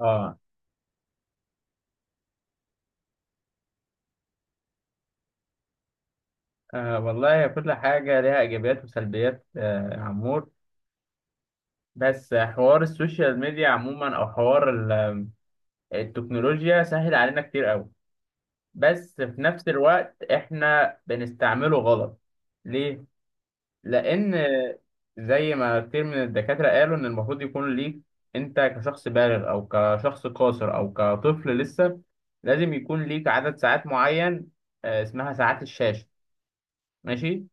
اه. والله كل حاجة ليها إيجابيات وسلبيات يا عمور. بس حوار السوشيال ميديا عموما أو حوار التكنولوجيا سهل علينا كتير أوي. بس في نفس الوقت إحنا بنستعمله غلط. ليه؟ لأن زي ما كتير من الدكاترة قالوا إن المفروض يكون ليك، أنت كشخص بالغ أو كشخص قاصر أو كطفل لسه، لازم يكون ليك عدد ساعات معين. اسمها ساعات الشاشة. ماشي؟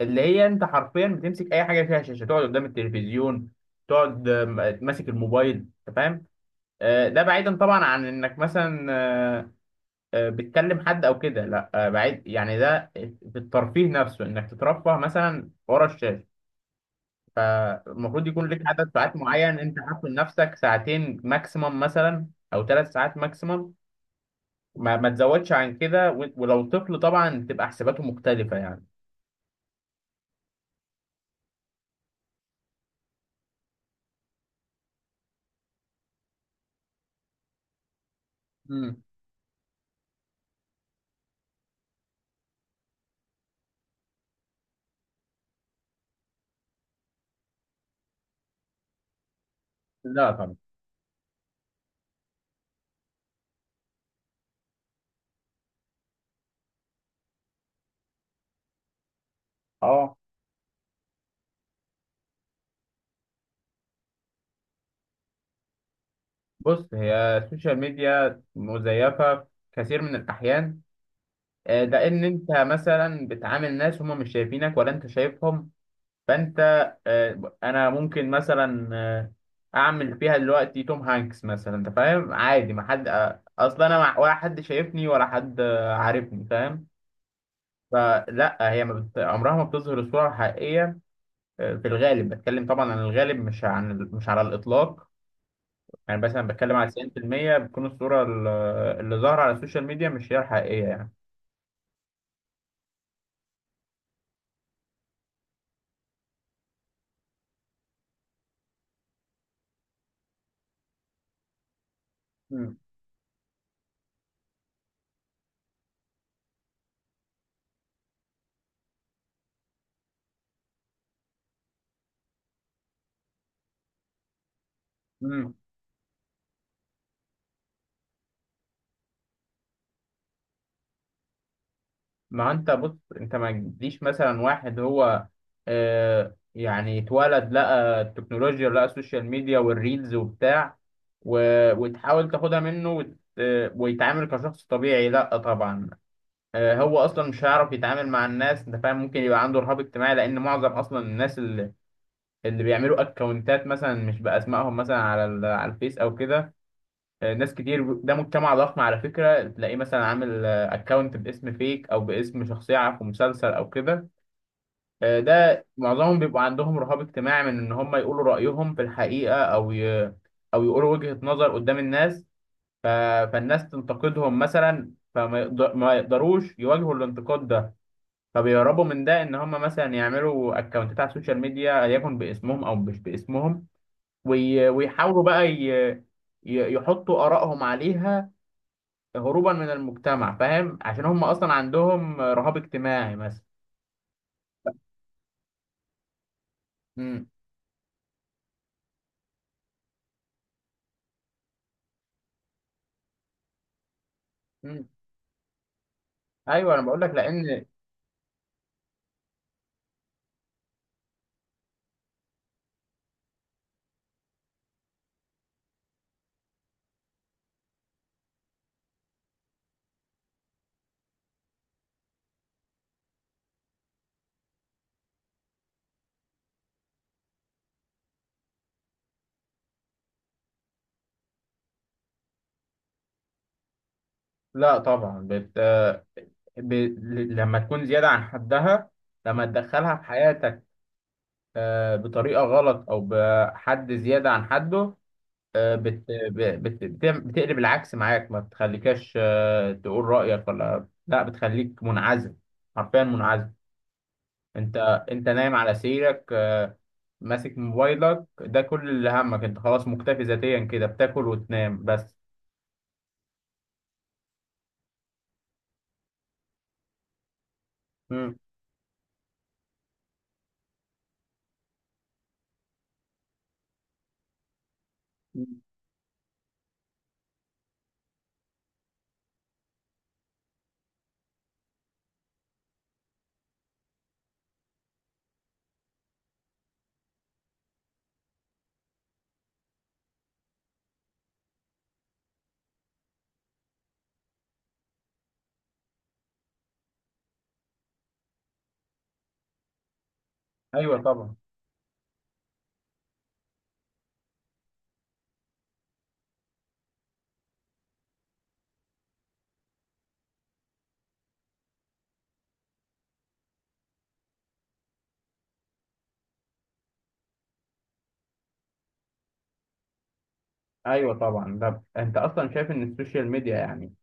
اللي هي انت حرفيا بتمسك اي حاجه فيها شاشه، تقعد قدام التلفزيون، تقعد ماسك الموبايل، انت فاهم. ده بعيدا طبعا عن انك مثلا بتكلم حد او كده، لا، بعيد يعني. ده في الترفيه نفسه انك تترفه مثلا ورا الشاشه. فالمفروض يكون لك عدد ساعات معين انت حاطه لنفسك، ساعتين ماكسيمم مثلا او ثلاث ساعات ماكسيمم، ما تزودش عن كده ولو طفل طبعا تبقى حساباته مختلفه يعني. مم. لا طبعا. اه. بص، هي السوشيال ميديا مزيفة في كثير من الأحيان. ده إن أنت مثلا بتعامل ناس هما مش شايفينك ولا أنت شايفهم، فأنت أنا ممكن مثلا أعمل فيها دلوقتي توم هانكس مثلا، أنت فاهم، عادي، ما حد أصلا، أنا ولا حد شايفني ولا حد عارفني، فاهم. فلا، هي ما بت... عمرها ما بتظهر الصورة الحقيقية. في الغالب، بتكلم طبعا عن الغالب، مش على الإطلاق. يعني مثلا بتكلم على 90% بتكون الصورة اللي ظاهرة على السوشيال ميديا مش هي الحقيقية يعني. مم. مم. ما انت بص، انت ما تجيش مثلا واحد هو يعني اتولد لقى التكنولوجيا لقى السوشيال ميديا والريلز وبتاع، و... وتحاول تاخدها منه، وت... آه، ويتعامل كشخص طبيعي، لا طبعا. هو اصلا مش هيعرف يتعامل مع الناس، انت فاهم، ممكن يبقى عنده رهاب اجتماعي، لان معظم اصلا الناس اللي بيعملوا اكونتات مثلا مش باسمائهم مثلا على الفيس او كده. ناس كتير، ده مجتمع ضخم على فكرة، تلاقيه مثلا عامل اكونت باسم فيك او باسم شخصية في مسلسل او كده. ده معظمهم بيبقوا عندهم رهاب اجتماعي من ان هم يقولوا رأيهم في الحقيقة او يقولوا وجهة نظر قدام الناس. فالناس تنتقدهم مثلا، ما يقدروش يواجهوا الانتقاد ده. فبيهربوا من ده ان هم مثلا يعملوا اكونتات على السوشيال ميديا يكن باسمهم او مش باسمهم، ويحاولوا بقى يحطوا آرائهم عليها هروبا من المجتمع، فاهم، عشان هم اصلا عندهم رهاب اجتماعي مثلا. امم. امم. ايوه، انا بقول لك لان. لا طبعا ب... لما تكون زياده عن حدها، لما تدخلها في حياتك بطريقه غلط او بحد زياده عن حده، آه، بت... ب- بت... بتعم- بتقلب العكس معاك، ما بتخليكش تقول رايك ولا لا، بتخليك منعزل، حرفيا منعزل. انت انت نايم على سريرك ماسك موبايلك، ده كل اللي همك، انت خلاص مكتفي ذاتيا كده، بتاكل وتنام بس. مم. مم. ايوه طبعا. ايوه طبعا، ده انت اصلا شايف ان السوشيال ميديا يعني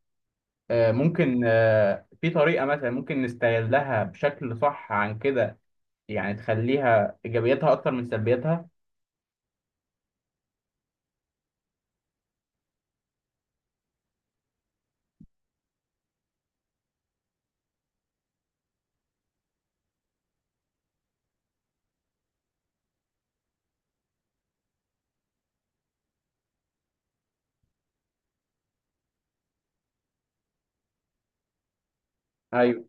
ممكن في طريقه مثلا ممكن نستغلها بشكل صح عن كده، يعني تخليها ايجابياتها اكتر من سلبياتها. ايوه.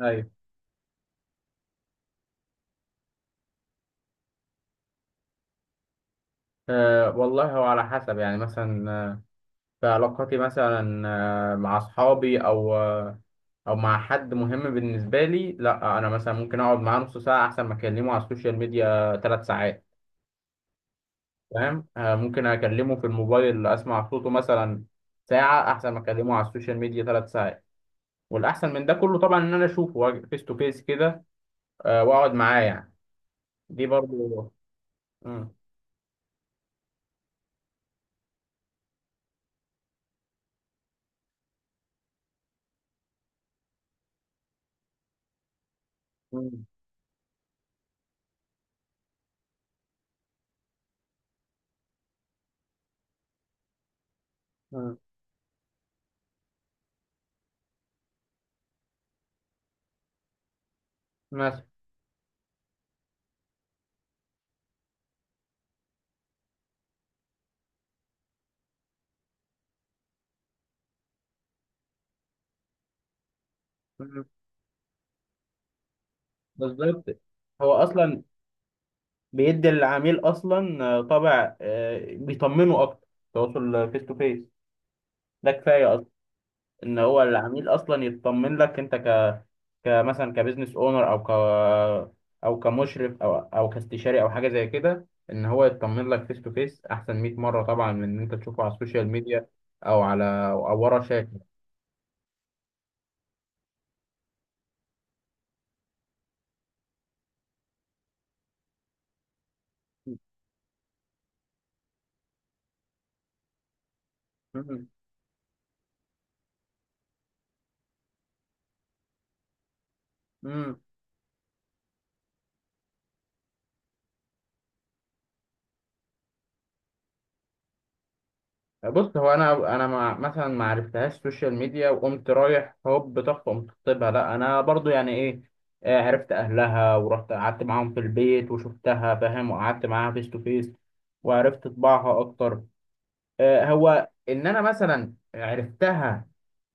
ايوه. أه والله، هو على حسب، يعني مثلا في علاقاتي مثلا مع أصحابي أو مع حد مهم بالنسبة لي، لأ، أنا مثلا ممكن أقعد معاه نص ساعة أحسن ما أكلمه على السوشيال ميديا ثلاث ساعات. فاهم، ممكن أكلمه في الموبايل أسمع صوته مثلا ساعة أحسن ما أكلمه على السوشيال ميديا ثلاث ساعات، والأحسن من ده كله طبعا إن أنا أشوفه فيس تو فيس كده، وأقعد معاه يعني. دي برضه. مم. مم. مم. مثلا. مم. بالظبط. هو اصلا بيدي العميل اصلا طابع بيطمنه اكتر، تواصل فيس تو فيس ده كفايه اصلا ان هو العميل اصلا يطمن لك انت ك كمثلا كبزنس اونر او كمشرف او كاستشاري او حاجه زي كده ان هو يطمن لك فيس تو فيس احسن 100 مره طبعا من ان انت تشوفه على السوشيال ميديا او ورا شاشه. مم. مم. بص، هو انا ما مثلا ما عرفتهاش سوشيال ميديا وقمت رايح هوب طخ قمت خطيبها، لا، انا برضو يعني ايه عرفت اهلها ورحت قعدت معاهم في البيت وشفتها، فاهم، وقعدت معاها فيس تو فيس وعرفت طباعها اكتر. هو ان انا مثلا عرفتها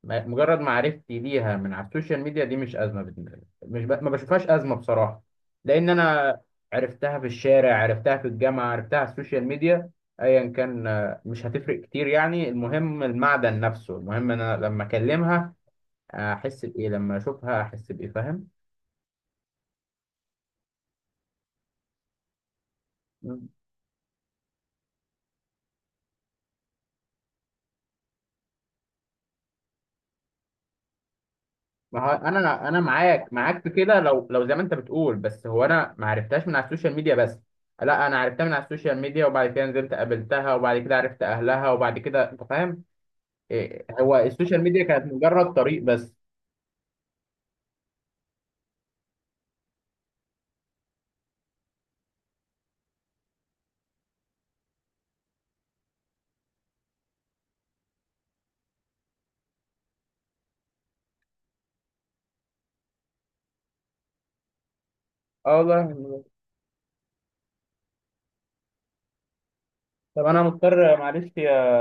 م- مجرد معرفتي ليها من على السوشيال ميديا دي مش ازمه بالنسبه لي، مش ب... ما بشوفهاش ازمه بصراحه، لان انا عرفتها في الشارع، عرفتها في الجامعه، عرفتها على السوشيال ميديا، ايا كان مش هتفرق كتير يعني، المهم المعدن نفسه، المهم انا لما اكلمها احس بايه، لما اشوفها احس بايه، فاهم. ما هو انا معاك في كده، لو زي ما انت بتقول، بس هو انا ما عرفتهاش من على السوشيال ميديا بس، لا، انا عرفتها من على السوشيال ميديا وبعد كده نزلت قابلتها وبعد كده عرفت اهلها وبعد كده انت فاهم، إيه، هو السوشيال ميديا كانت مجرد طريق بس. اه والله. طب انا مضطر معلش يا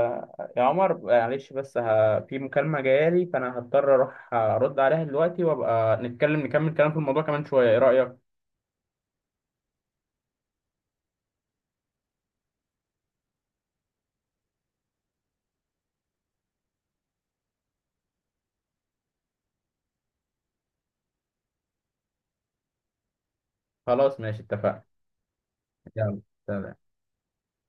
يا عمر، معلش بس في مكالمة جايالي فانا هضطر اروح ارد عليها دلوقتي وابقى نتكلم نكمل كلام في الموضوع كمان شوية، ايه رأيك؟ خلاص ماشي اتفقنا. يلا. سلام.